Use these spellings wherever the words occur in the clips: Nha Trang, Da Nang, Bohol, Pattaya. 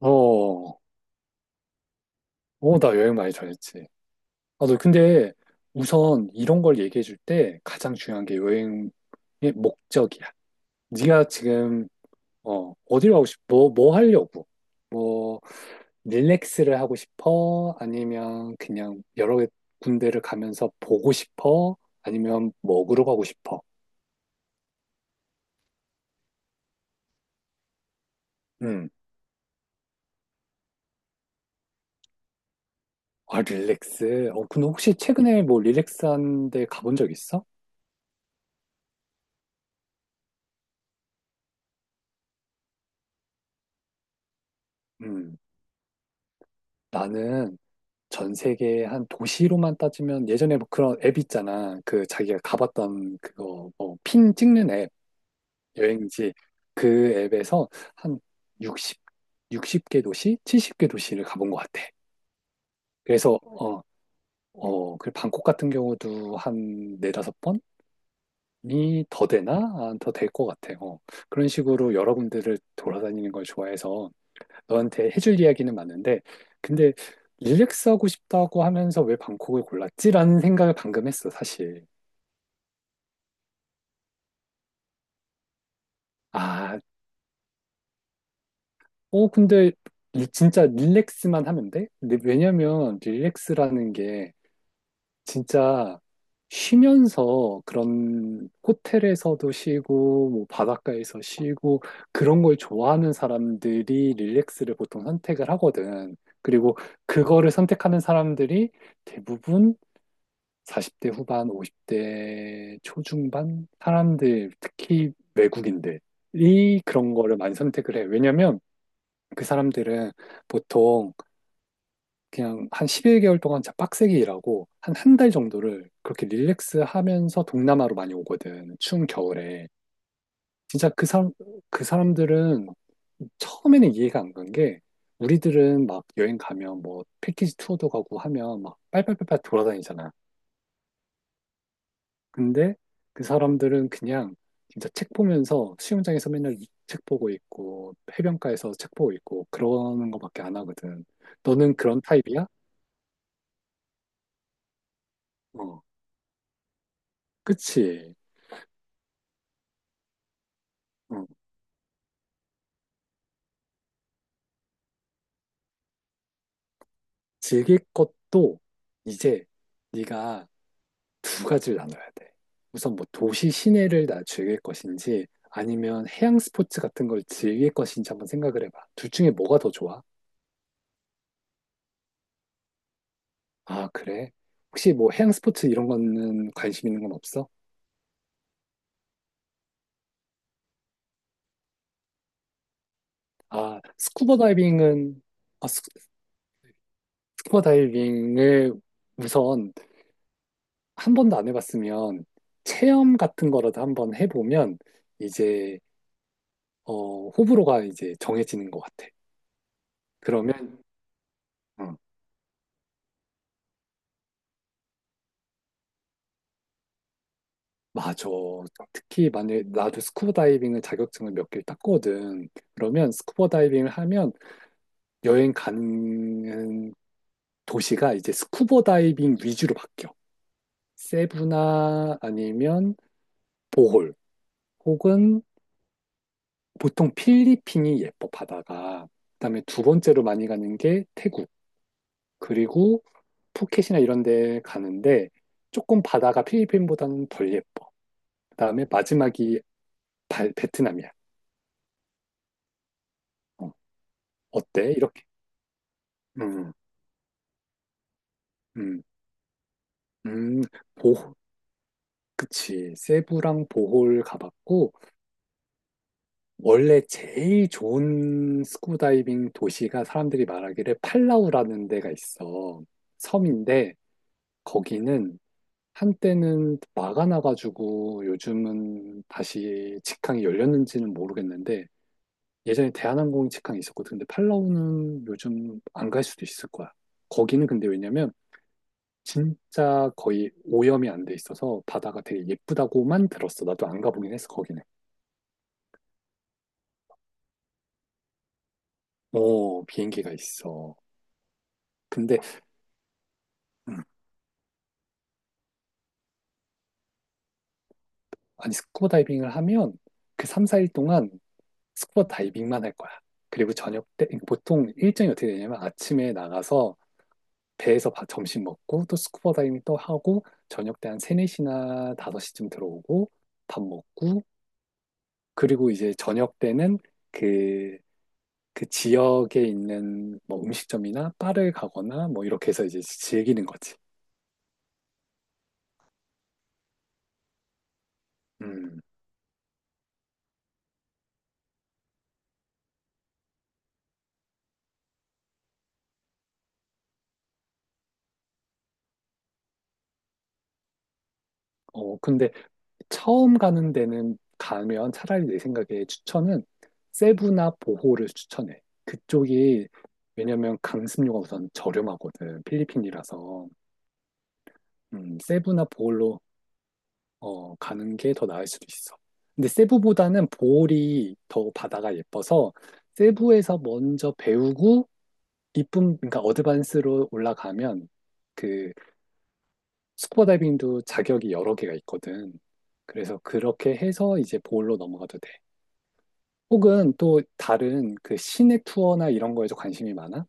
어, 어, 나 여행 많이 다녔지. 아, 너 근데 우선 이런 걸 얘기해 줄 때 가장 중요한 게 여행의 목적이야. 네가 지금 어디로 가고 싶어? 뭐 하려고? 뭐 릴렉스를 하고 싶어? 아니면 그냥 여러 군데를 가면서 보고 싶어? 아니면 먹으러 가고 싶어? 음. 아, 릴렉스. 어, 근데 혹시 최근에 뭐 릴렉스한 데 가본 적 있어? 음. 나는 전 세계 한 도시로만 따지면 예전에 뭐 그런 앱 있잖아. 그 자기가 가봤던 그거 뭐핀 찍는 앱, 여행지 그 앱에서 한 60, 60개 도시, 70개 도시를 가본 것 같아. 그래서 그 방콕 같은 경우도 한 네다섯 번이 더 되나? 아, 더될 것 같아. 요 그런 식으로 여러 군데를 돌아다니는 걸 좋아해서 너한테 해줄 이야기는 많은데, 근데 릴렉스하고 싶다고 하면서 왜 방콕을 골랐지라는 생각을 방금 했어, 사실. 아, 어, 근데 진짜 릴렉스만 하면 돼? 근데 왜냐면 릴렉스라는 게 진짜 쉬면서 그런 호텔에서도 쉬고, 뭐 바닷가에서 쉬고, 그런 걸 좋아하는 사람들이 릴렉스를 보통 선택을 하거든. 그리고 그거를 선택하는 사람들이 대부분 40대 후반, 50대 초중반 사람들, 특히 외국인들이 그런 거를 많이 선택을 해. 왜냐면 그 사람들은 보통 그냥 한 11개월 동안 진짜 빡세게 일하고 한 한 달 정도를 그렇게 릴렉스 하면서 동남아로 많이 오거든. 추운 겨울에. 진짜 그 사람들은 처음에는 이해가 안 간 게 우리들은 막 여행 가면 뭐 패키지 투어도 가고 하면 막 빨빨빨빨 돌아다니잖아. 근데 그 사람들은 그냥 진짜 책 보면서 수영장에서 맨날 책 보고 있고 해변가에서 책 보고 있고 그러는 거밖에 안 하거든. 너는 그런 타입이야? 어, 그치. 어, 즐길 것도 이제 네가 두 가지를 나눠야 돼. 우선 뭐 도시 시내를 나 즐길 것인지 아니면 해양 스포츠 같은 걸 즐길 것인지 한번 생각을 해봐. 둘 중에 뭐가 더 좋아? 아, 그래? 혹시 뭐 해양 스포츠 이런 거는 관심 있는 건 없어? 아, 스쿠버 다이빙은, 아, 스, 스쿠버 다이빙을 우선 한 번도 안 해봤으면 체험 같은 거라도 한번 해보면 이제, 어, 호불호가 이제 정해지는 것 같아. 그러면, 응, 맞아. 특히 만약에 나도 스쿠버 다이빙을 자격증을 몇 개를 땄거든. 그러면 스쿠버 다이빙을 하면 여행 가는 도시가 이제 스쿠버 다이빙 위주로 바뀌어. 세부나 아니면 보홀. 혹은 보통 필리핀이 예뻐, 바다가. 그다음에 두 번째로 많이 가는 게 태국. 그리고 푸켓이나 이런 데 가는데 조금 바다가 필리핀보다는 덜 예뻐. 그다음에 마지막이 베트남이야. 어, 때 이렇게. 음, 음, 음, 보호. 그치. 세부랑 보홀 가봤고, 원래 제일 좋은 스쿠버 다이빙 도시가 사람들이 말하기를 팔라우라는 데가 있어. 섬인데, 거기는 한때는 막아놔가지고 요즘은 다시 직항이 열렸는지는 모르겠는데 예전에 대한항공 직항이 있었거든. 근데 팔라우는 요즘 안 갈 수도 있을 거야. 거기는 근데 왜냐면 진짜 거의 오염이 안 돼 있어서 바다가 되게 예쁘다고만 들었어. 나도 안 가보긴 했어, 거기는. 어, 비행기가 있어. 근데, 음, 아니, 스쿠버 다이빙을 하면 그 3, 4일 동안 스쿠버 다이빙만 할 거야. 그리고 저녁 때, 그러니까 보통 일정이 어떻게 되냐면 아침에 나가서 배에서 점심 먹고 또 스쿠버 다이빙 또 하고 저녁 때 한 세네 시나 다섯 시쯤 들어오고 밥 먹고 그리고 이제 저녁 때는 그, 그 지역에 있는 뭐 음식점이나 바를 가거나 뭐 이렇게 해서 이제 즐기는 거지. 음. 어, 근데 처음 가는 데는 가면 차라리 내 생각에 추천은 세부나 보호를 추천해. 그쪽이 왜냐면 강습료가 우선 저렴하거든. 필리핀이라서. 세부나 보홀로 어, 가는 게 더 나을 수도 있어. 근데 세부보다는 보홀이 더 바다가 예뻐서 세부에서 먼저 배우고 이쁨, 그러니까 어드밴스로 올라가면 그 스쿠버 다이빙도 자격이 여러 개가 있거든. 그래서 그렇게 해서 이제 보홀로 넘어가도 돼. 혹은 또 다른 그 시내 투어나 이런 거에도 관심이 많아?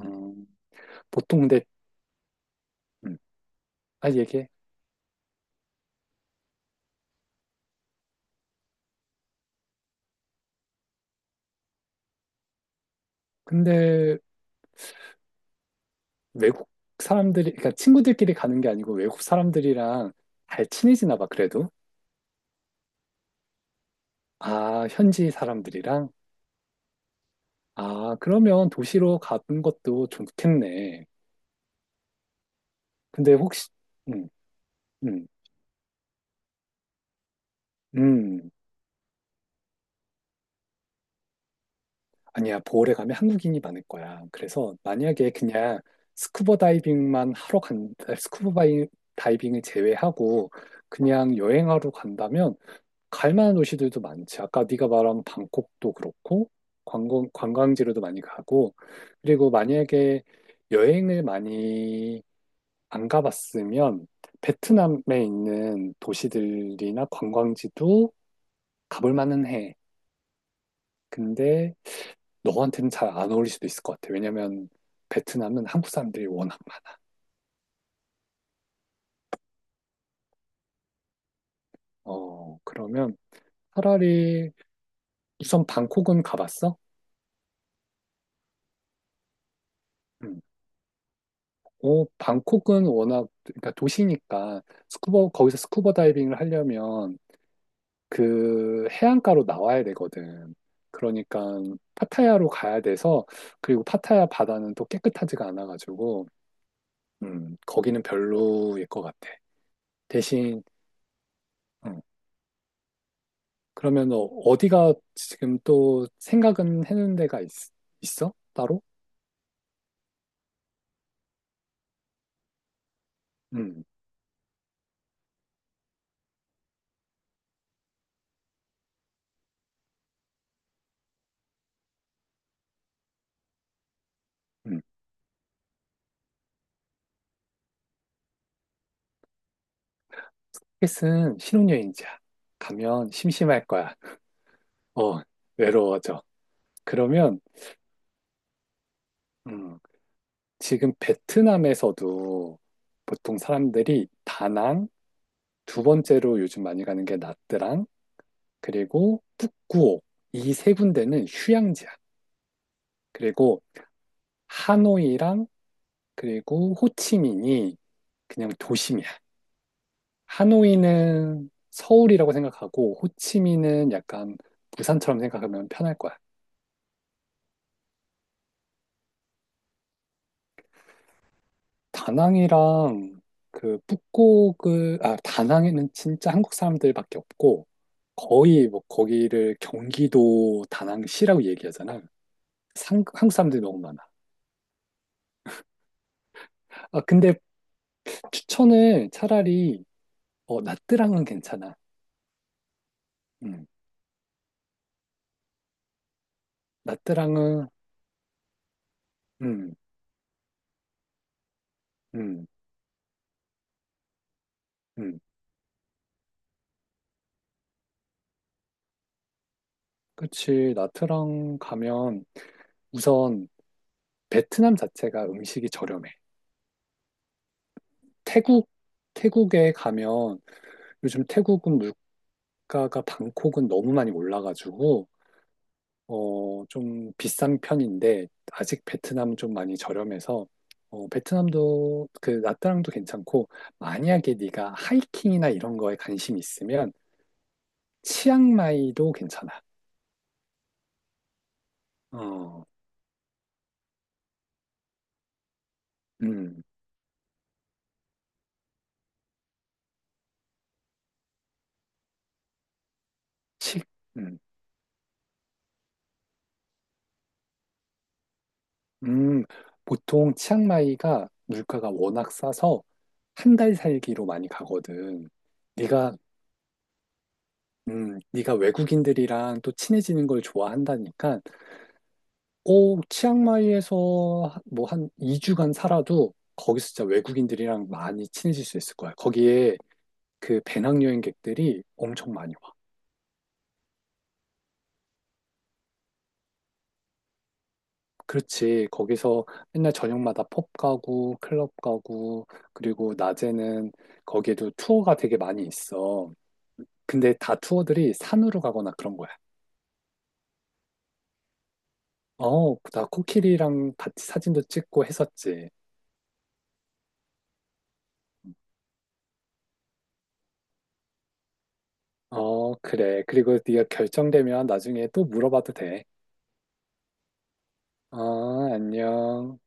음, 보통 근데 음, 아 얘기해. 근데 외국 사람들이, 그러니까 친구들끼리 가는 게 아니고 외국 사람들이랑 잘 친해지나 봐, 그래도. 아, 현지 사람들이랑. 아, 그러면 도시로 가는 것도 좋겠네. 근데 혹시, 음, 음, 음. 아니야, 보홀에 가면 한국인이 많을 거야. 그래서 만약에 그냥 스쿠버 다이빙만 하러 간, 다이빙을 제외하고 그냥 여행하러 간다면 갈 만한 도시들도 많지. 아까 네가 말한 방콕도 그렇고 관광지로도 많이 가고 그리고 만약에 여행을 많이 안 가봤으면 베트남에 있는 도시들이나 관광지도 가볼 만은 해. 근데 너한테는 잘 안 어울릴 수도 있을 것 같아. 왜냐면 베트남은 한국 사람들이 워낙 많아. 어, 그러면 차라리 우선 방콕은 가봤어? 음. 어, 방콕은 워낙 그러니까 도시니까 스쿠버 거기서 스쿠버 다이빙을 하려면 그 해안가로 나와야 되거든. 그러니까 파타야로 가야 돼서 그리고 파타야 바다는 또 깨끗하지가 않아가지고 거기는 별로일 것 같아. 대신 어, 그러면 어- 어디가 지금 또 생각은 해놓은 데가 있어? 따로? 음, 음. 헬스는 신혼여행지야. 가면 심심할 거야. 어, 외로워져. 그러면 음, 지금 베트남에서도 보통 사람들이 다낭, 두 번째로 요즘 많이 가는 게 나트랑, 그리고 북구오 이 세 군데는 휴양지야. 그리고 하노이랑 그리고 호치민이 그냥 도심이야. 하노이는 서울이라고 생각하고 호치민은 약간 부산처럼 생각하면 편할 거야. 다낭이랑 그 북곡을 아 다낭에는 진짜 한국 사람들밖에 없고 거의 뭐 거기를 경기도 다낭시라고 얘기하잖아. 상, 한국 사람들이 너무 많아. 아 근데 추천을 차라리 어 나트랑은 괜찮아. 음 나트랑은 음음음 그치 나트랑 가면 우선 베트남 자체가 음식이 저렴해. 태국, 태국에 가면 요즘 태국은 물가가 방콕은 너무 많이 올라가지고, 어, 좀 비싼 편인데, 아직 베트남은 좀 많이 저렴해서, 어, 베트남도 그 나트랑도 괜찮고, 만약에 네가 하이킹이나 이런 거에 관심이 있으면, 치앙마이도 괜찮아. 어, 음, 치, 음. 음, 보통 치앙마이가 물가가 워낙 싸서 한 달 살기로 많이 가거든. 네가 네가 외국인들이랑 또 친해지는 걸 좋아한다니까. 오, 치앙마이에서 뭐 한 2주간 살아도 거기서 진짜 외국인들이랑 많이 친해질 수 있을 거야. 거기에 그 배낭여행객들이 엄청 많이 와. 그렇지. 거기서 맨날 저녁마다 펍 가고 클럽 가고 그리고 낮에는 거기에도 투어가 되게 많이 있어. 근데 다 투어들이 산으로 가거나 그런 거야. 어, 나 코끼리랑 같이 사진도 찍고 했었지. 어, 그래. 그리고 네가 결정되면 나중에 또 물어봐도 돼. 어, 안녕.